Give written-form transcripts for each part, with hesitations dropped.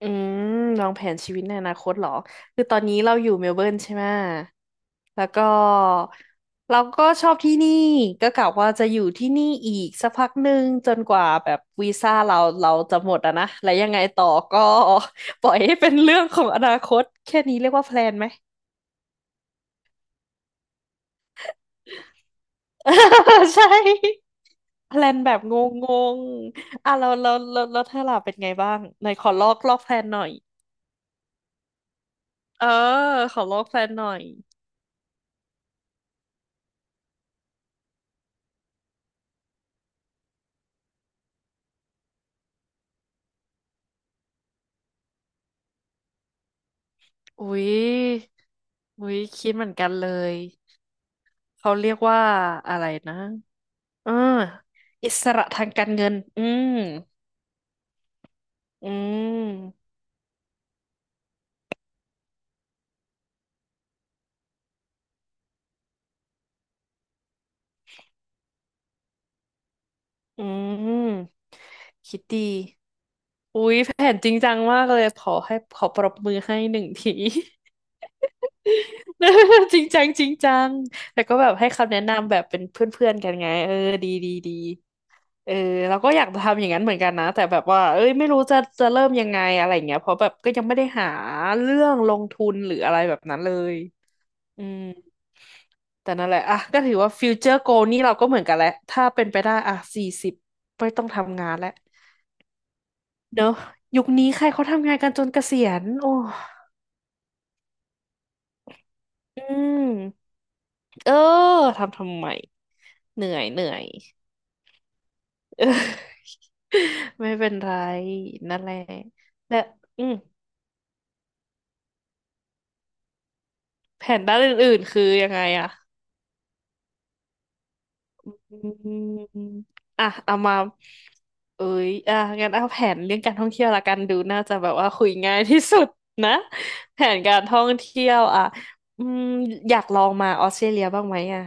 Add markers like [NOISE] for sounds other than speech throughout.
อืมวางแผนชีวิตในอนาคตเหรอคือตอนนี้เราอยู่เมลเบิร์นใช่ไหมแล้วก็เราก็ชอบที่นี่ก็กะว่าจะอยู่ที่นี่อีกสักพักหนึ่งจนกว่าแบบวีซ่าเราจะหมดอะนะแล้วยังไงต่อก็ [LAUGHS] ปล่อยให้เป็นเรื่องของอนาคตแค่นี้เรียกว่าแพลนไหม [LAUGHS] ใช่แพลนแบบงงๆอ่ะเราถ้าเธาล่เป็นไงบ้างไหนขอลอกแพลนหน่อยเออขอลอกแพลนหน่อย อุ๊ยอุ๊ยคิดเหมือนกันเลยเขาเรียกว่าอะไรนะเอออิสระทางการเงินอืมอืมอืมคิดดีอุ๊ยแผนจริงจังมากเลยขอให้ขอปรบมือให้หนึ่งที [LAUGHS] จริงจังจริงจังแต่ก็แบบให้คำแนะนำแบบเป็นเพื่อนๆกันไงเออดีดีดี เออเราก็อยากจะทำอย่างนั้นเหมือนกันนะแต่แบบว่าเอ้ยไม่รู้จะเริ่มยังไงอะไรอย่างเงี้ยเพราะแบบก็ยังไม่ได้หาเรื่องลงทุนหรืออะไรแบบนั้นเลยอืมแต่นั่นแหละอ่ะก็ถือว่าฟิวเจอร์โกนี่เราก็เหมือนกันแหละถ้าเป็นไปได้อ่ะ40ไม่ต้องทำงานแล้วเนอะยุคนี้ใครเขาทำงานกันจนเกษียณโอ้อืมเออทำไมเหนื่อยเหนื่อย [LAUGHS] เออ [LAUGHS] ไม่เป็นไรนั่นแหละและอืม แผนด้านอื่นๆคือยังไงอะอืมอ่ะเอามาเอ้ยอ่ะงั้นเอาแผนเรื่องการท่องเที่ยวละกันดูน่าจะแบบว่าคุยง่ายที่สุดนะแผนการท่องเที่ยวอ่ะอืมอยากลองมาออสเตรเลียบ้างไหมอะ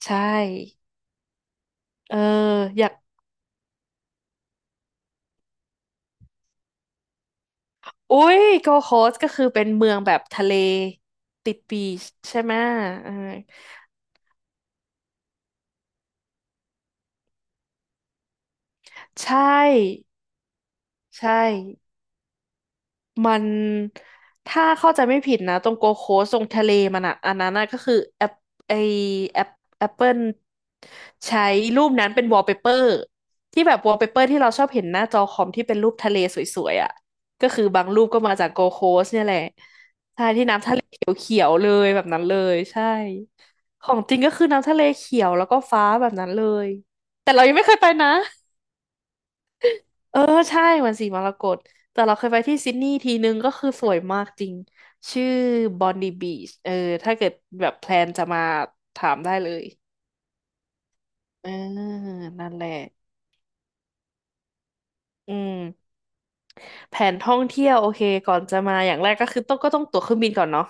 ใช่เอออยากอุ้ยโกโคสก็คือเป็นเมืองแบบทะเลติดบีชใช่ไหมยเออใช่ใช่ มันถ้าเข้าใจไม่ผิดนะตรงโกโคสตรงทะเลมันอะอันนั้นน่ะก็คือแอปไอแอปแอปเปิลใช้รูปนั้นเป็นวอลเปเปอร์ที่แบบวอลเปเปอร์ที่เราชอบเห็นหน้าจอคอมที่เป็นรูปทะเลสวยๆอะก็คือบางรูปก็มาจากโกโคสเนี่ยแหละเขียวๆเลยแบบนั้นเลยใช่ของจริงก็คือน้ำทะเลเขียวแล้วก็ฟ้าแบบนั้นเลยแต่เรายังไม่เคยไปนะ เออใช่มันสีมรกตแต่เราเคยไปที่ซิดนีย์ทีนึงก็คือสวยมากจริงชื่อบอนดีบีชเออถ้าเกิดแบบแพลนจะมาถามได้เลยเออนั่นแหละอืมแผนท่องเที่ยวโอเคก่อนจะมาอย่างแรกก็คือต้องก็ต้องตั๋วเครื่องบินก่อนเนาะ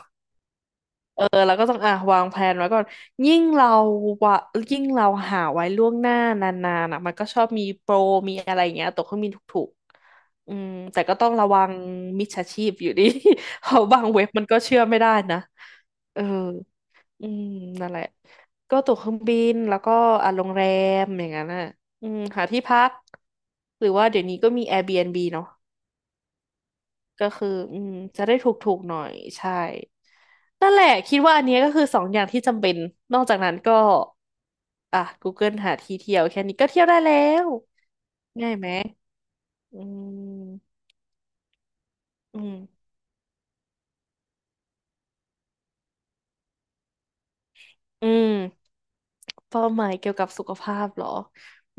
เออเราก็ต้องอ่ะวางแผนไว้ก่อนยิ่งเราวะยิ่งเราหาไว้ล่วงหน้านานๆอ่ะมันก็ชอบมีโปรมีอะไรอย่างเงี้ยตกเครื่องบินถูกๆอืมแต่ก็ต้องระวังมิจฉาชีพอยู่ดี [LAUGHS] เพราะบางเว็บมันก็เชื่อไม่ได้นะเอออืมนั่นแหละก็ตั๋วเครื่องบินแล้วก็อ่ะโรงแรมอย่างนั้นอ่ะอืมหาที่พักหรือว่าเดี๋ยวนี้ก็มี Airbnb เนาะ ก็คืออืมจะได้ถูกๆหน่อยใช่นั่นแหละคิดว่าอันเนี้ยก็คือสองอย่างที่จำเป็นนอกจากนั้นก็อ่ะ Google หาที่เที่ยวแค่นี้ก็เที่ยวได้แล้วง่ายไหมอืมอืมอืมเป้าหมายเกี่ยวกับสุขภาพเหรอ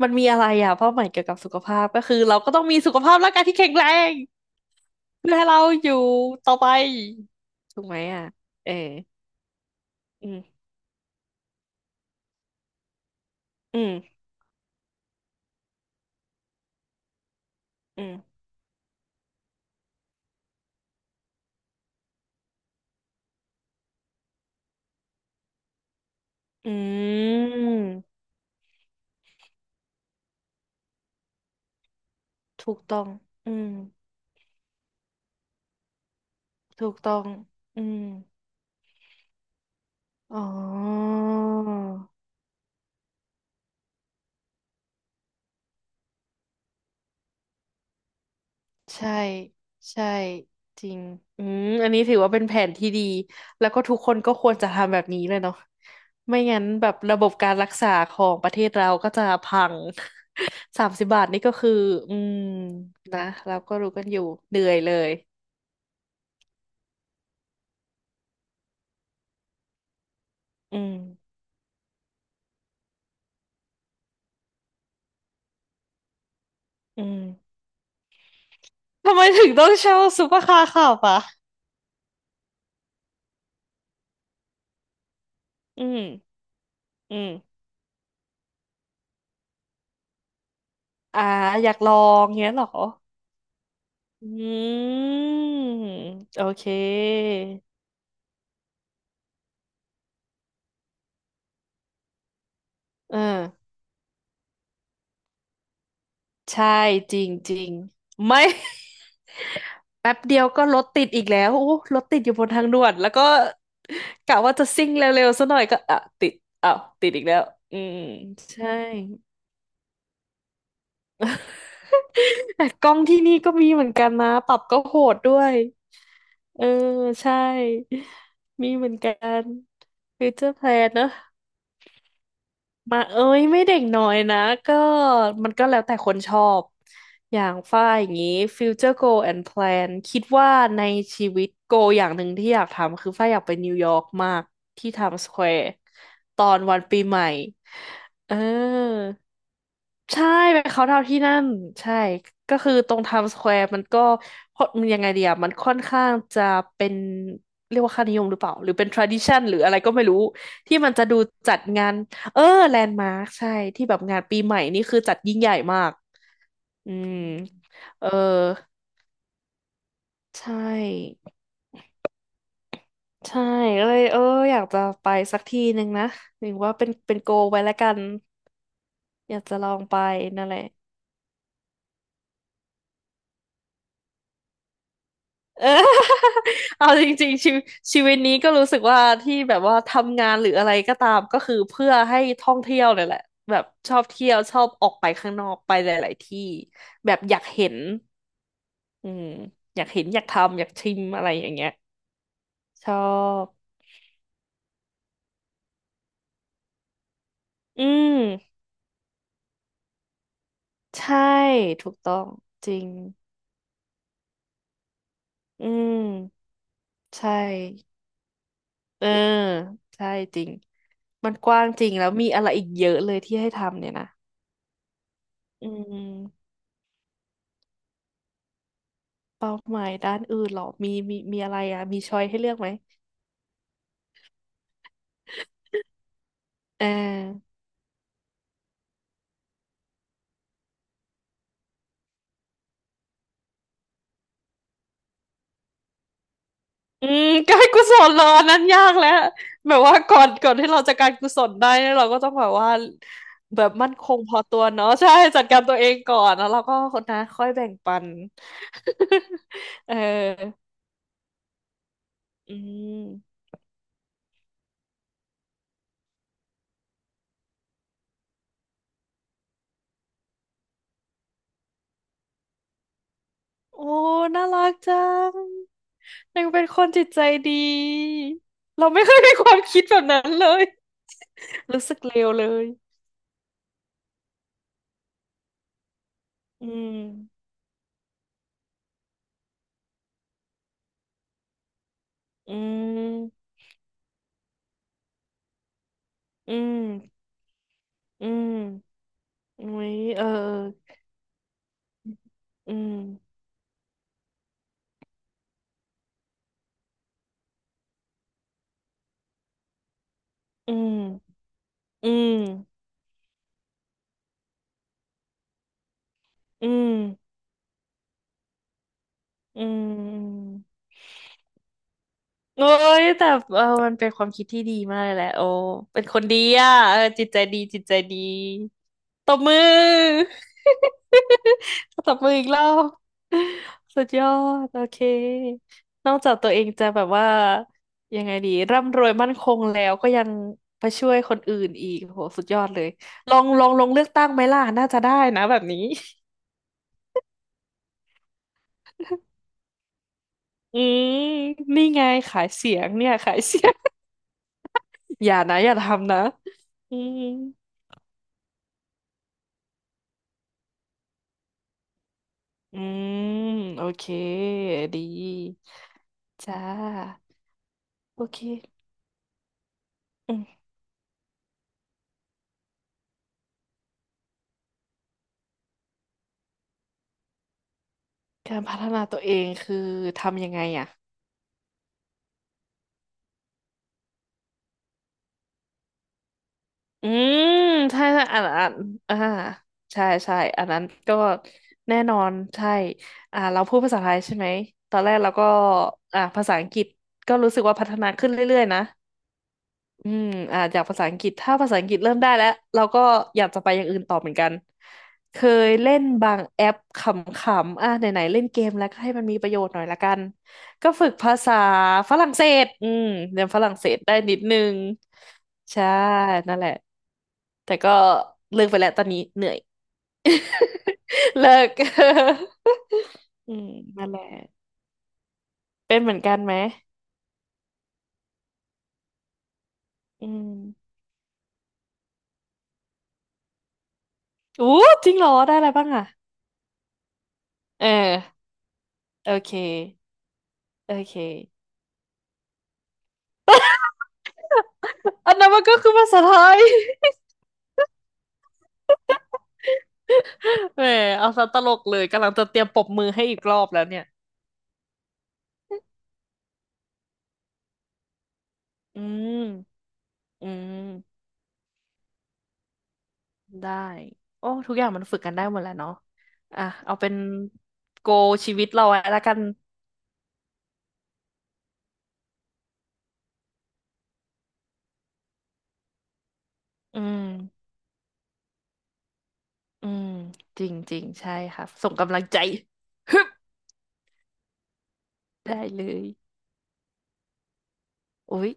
มันมีอะไรอ่ะเป้าหมายเกี่ยวกับสุขภาพก็คือเราก็ต้องมีสุขภาพร่างกายที่แข็งแรงเพื่อให้เราอยู่ต่อไปถูกไหมอ่ะเอออืมอืมอืมอืม ถูกต้อง อืม ถูกต้อง อืม อ๋อ ใช่ ใช่ จริงอืมอันนี้ถือว่าเป็นแผนที่ดี แล้วก็ทุกคนก็ควรจะทำแบบนี้เลยเนาะ ไม่งั้นแบบระบบการรักษาของประเทศเราก็จะพัง [LAUGHS] 30 บาทนี่ก็คือ อืม นะเราก็รู้กันอยู่เหนื่อยเลย อืม อืม ทำไมถึงต้องเช่าซุปเปอร์คาร์ขับอ่ะอืม อืมอ่าอยากลองเงี้ยเหรอ อืมโอเคเออใช่จริงจริงไม่ [LAUGHS] แป๊บเดียวก็รถติดอีกแล้วโอ้รถติดอยู่บนทางด่วนแล้วก็กะว่าจะซิ่งเร็วๆซะหน่อยก็อ่ะติดอ้าวติดอีกแล้วอืมใช่แต่กล้องที่นี่ก็มีเหมือนกันนะปรับก็โหดด้วยเออใช่มีเหมือนกันฟิวเจอร์แพลนเนอะ มาเอ้ยไม่เด็กน้อยนะก็มันก็แล้วแต่คนชอบอย่างฝ้ายอย่างนี้ future goal and plan คิดว่าในชีวิต goal อย่างหนึ่งที่อยากทำคือฝ้ายอยากไปนิวยอร์กมากที่ i m ม s สแควร์ตอนวันปีใหม่เออใช่ไปเขาน์ดาวน์ที่นั่นใช่ก็คือตรงไทม์สแควร์มันก็มันยังไงเดียมันค่อนข้างจะเป็นเรียกว่าค่านิยมหรือเปล่าหรือเป็น tradition หรืออะไรก็ไม่รู้ที่มันจะดูจัดงาน เออแลนด์มาร์คใช่ที่แบบงานปีใหม่นี่คือจัดยิ่งใหญ่มากอืมเออใช่ใช่ก็เลยอยากจะไปสักทีหนึ่งนะหรือว่าเป็นโกลไว้แล้วกันอยากจะลองไปนั่นแหละ [LAUGHS] เออ [LAUGHS] เอาจริงๆชีวิตชีวิตนี้ก็รู้สึกว่าที่แบบว่าทำงานหรืออะไรก็ตามก็คือเพื่อให้ท่องเที่ยวเนี่ยแหละแบบชอบเที่ยวชอบออกไปข้างนอกไปหลายๆที่แบบอยากเห็นอืมอยากเห็นอยากทำอยากชิมอะไรอย่างเงี้ย ชอบ อืมใช่ถูกต้องจริง อืมใช่เออใช่จริงมันกว้างจริงแล้วมีอะไรอีกเยอะเลยที่ให้ทำเนี่ยนะอืมเป้าหมายด้านอื่นเหรอมีมีมีอะไรอ่ะมีช้อยให้เลือกไหมเออ อืมการกุศลรอนนั้นยากแล้วแบบว่าก่อนที่เราจะการกุศลได้เนี่ยเราก็ต้องแบบว่าแบบมั่นคงพอตัวเนาะใช่จัดการตัวเองก่อนแล้วเราก็คนนะค่อยแบ่งปัน [LAUGHS] เอออืมโอ้น่ารักจังยังเป็นคนจิตใจดีเราไม่เคยมีความคิดแบบนั้นเลย [LAUGHS] รู้สึกเลวเลยอืมอืมอืมอืมอุ้ยเอออืม อืม อืมอืมอืมอืมโอ้ยแต่เออมันเป็นความคิดที่ดีมากเลยแหละโอ้เป็นคนดีอ่ะเออจิตใจดี จิตใจดีตบมือ [LAUGHS] ตบมืออีกรอบสุดยอดโอเคนอกจากตัวเองจะแบบว่ายังไงดีร่ำรวยมั่นคงแล้วก็ยังไปช่วยคนอื่นอีกโหสุดยอดเลย ลองลองลงเลือกตั้งไหมล่ะน่าจะได้นะแบบนี้ อืมนี่ไงขายเสียงเนี่ยขายเสียง [LAUGHS] อย่านะอย่าทำนะอืมอืมโอเคดีจ้าโอเคอืมการพัฒนาตัวเองคือทำยังไงอ่ะอืมใช่ใช่อันอันอ่าใช่ใช่อันนั้นก็แน่นอนใช่อ่าเราพูดภาษาไทยใช่ไหมตอนแรกเราก็อ่าภาษาอังกฤษก็รู้สึกว่าพัฒนาขึ้นเรื่อยๆนะ อืมอ่าจากภาษาอังกฤษถ้าภาษาอังกฤษเริ่มได้แล้วเราก็อยากจะไปอย่างอื่นต่อเหมือนกันเคยเล่นบางแอปขำๆอ่ะไหนๆเล่นเกมแล้วก็ให้มันมีประโยชน์หน่อยละกันก็ฝึกภาษาฝรั่งเศสอืมเรียนฝรั่งเศสได้นิดนึงใช่นั่นแหละแต่ก็เลิกไปแล้วตอนนี้เหนื่อย [LAUGHS] เลิก [LAUGHS] อืมนั่นแหละเป็นเหมือนกันไหมอืมอู้จริงเหรอได้อะไรบ้างอ่ะเออโอเค โอเค อันนั้นมันก็คือภาษาไทย [LAUGHS] แหมเอาซะตลกเลยกำลังจะเตรียมปรบมือให้อีกรอบแล้วเนี่ยอืมอืมได้ โอ้ ทุกอย่างมันฝึกกันได้หมดแล้วเนาะอ่ะเอาเป็นโกชีวิตเราอะแล้วกัน อืม อืม จริงจริงใช่ค่ะส่งกำลังใจฮึบได้เลยอุ๊ย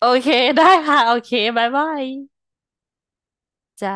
โอเค ได้ค่ะโอเคบ๊ายบายจ้า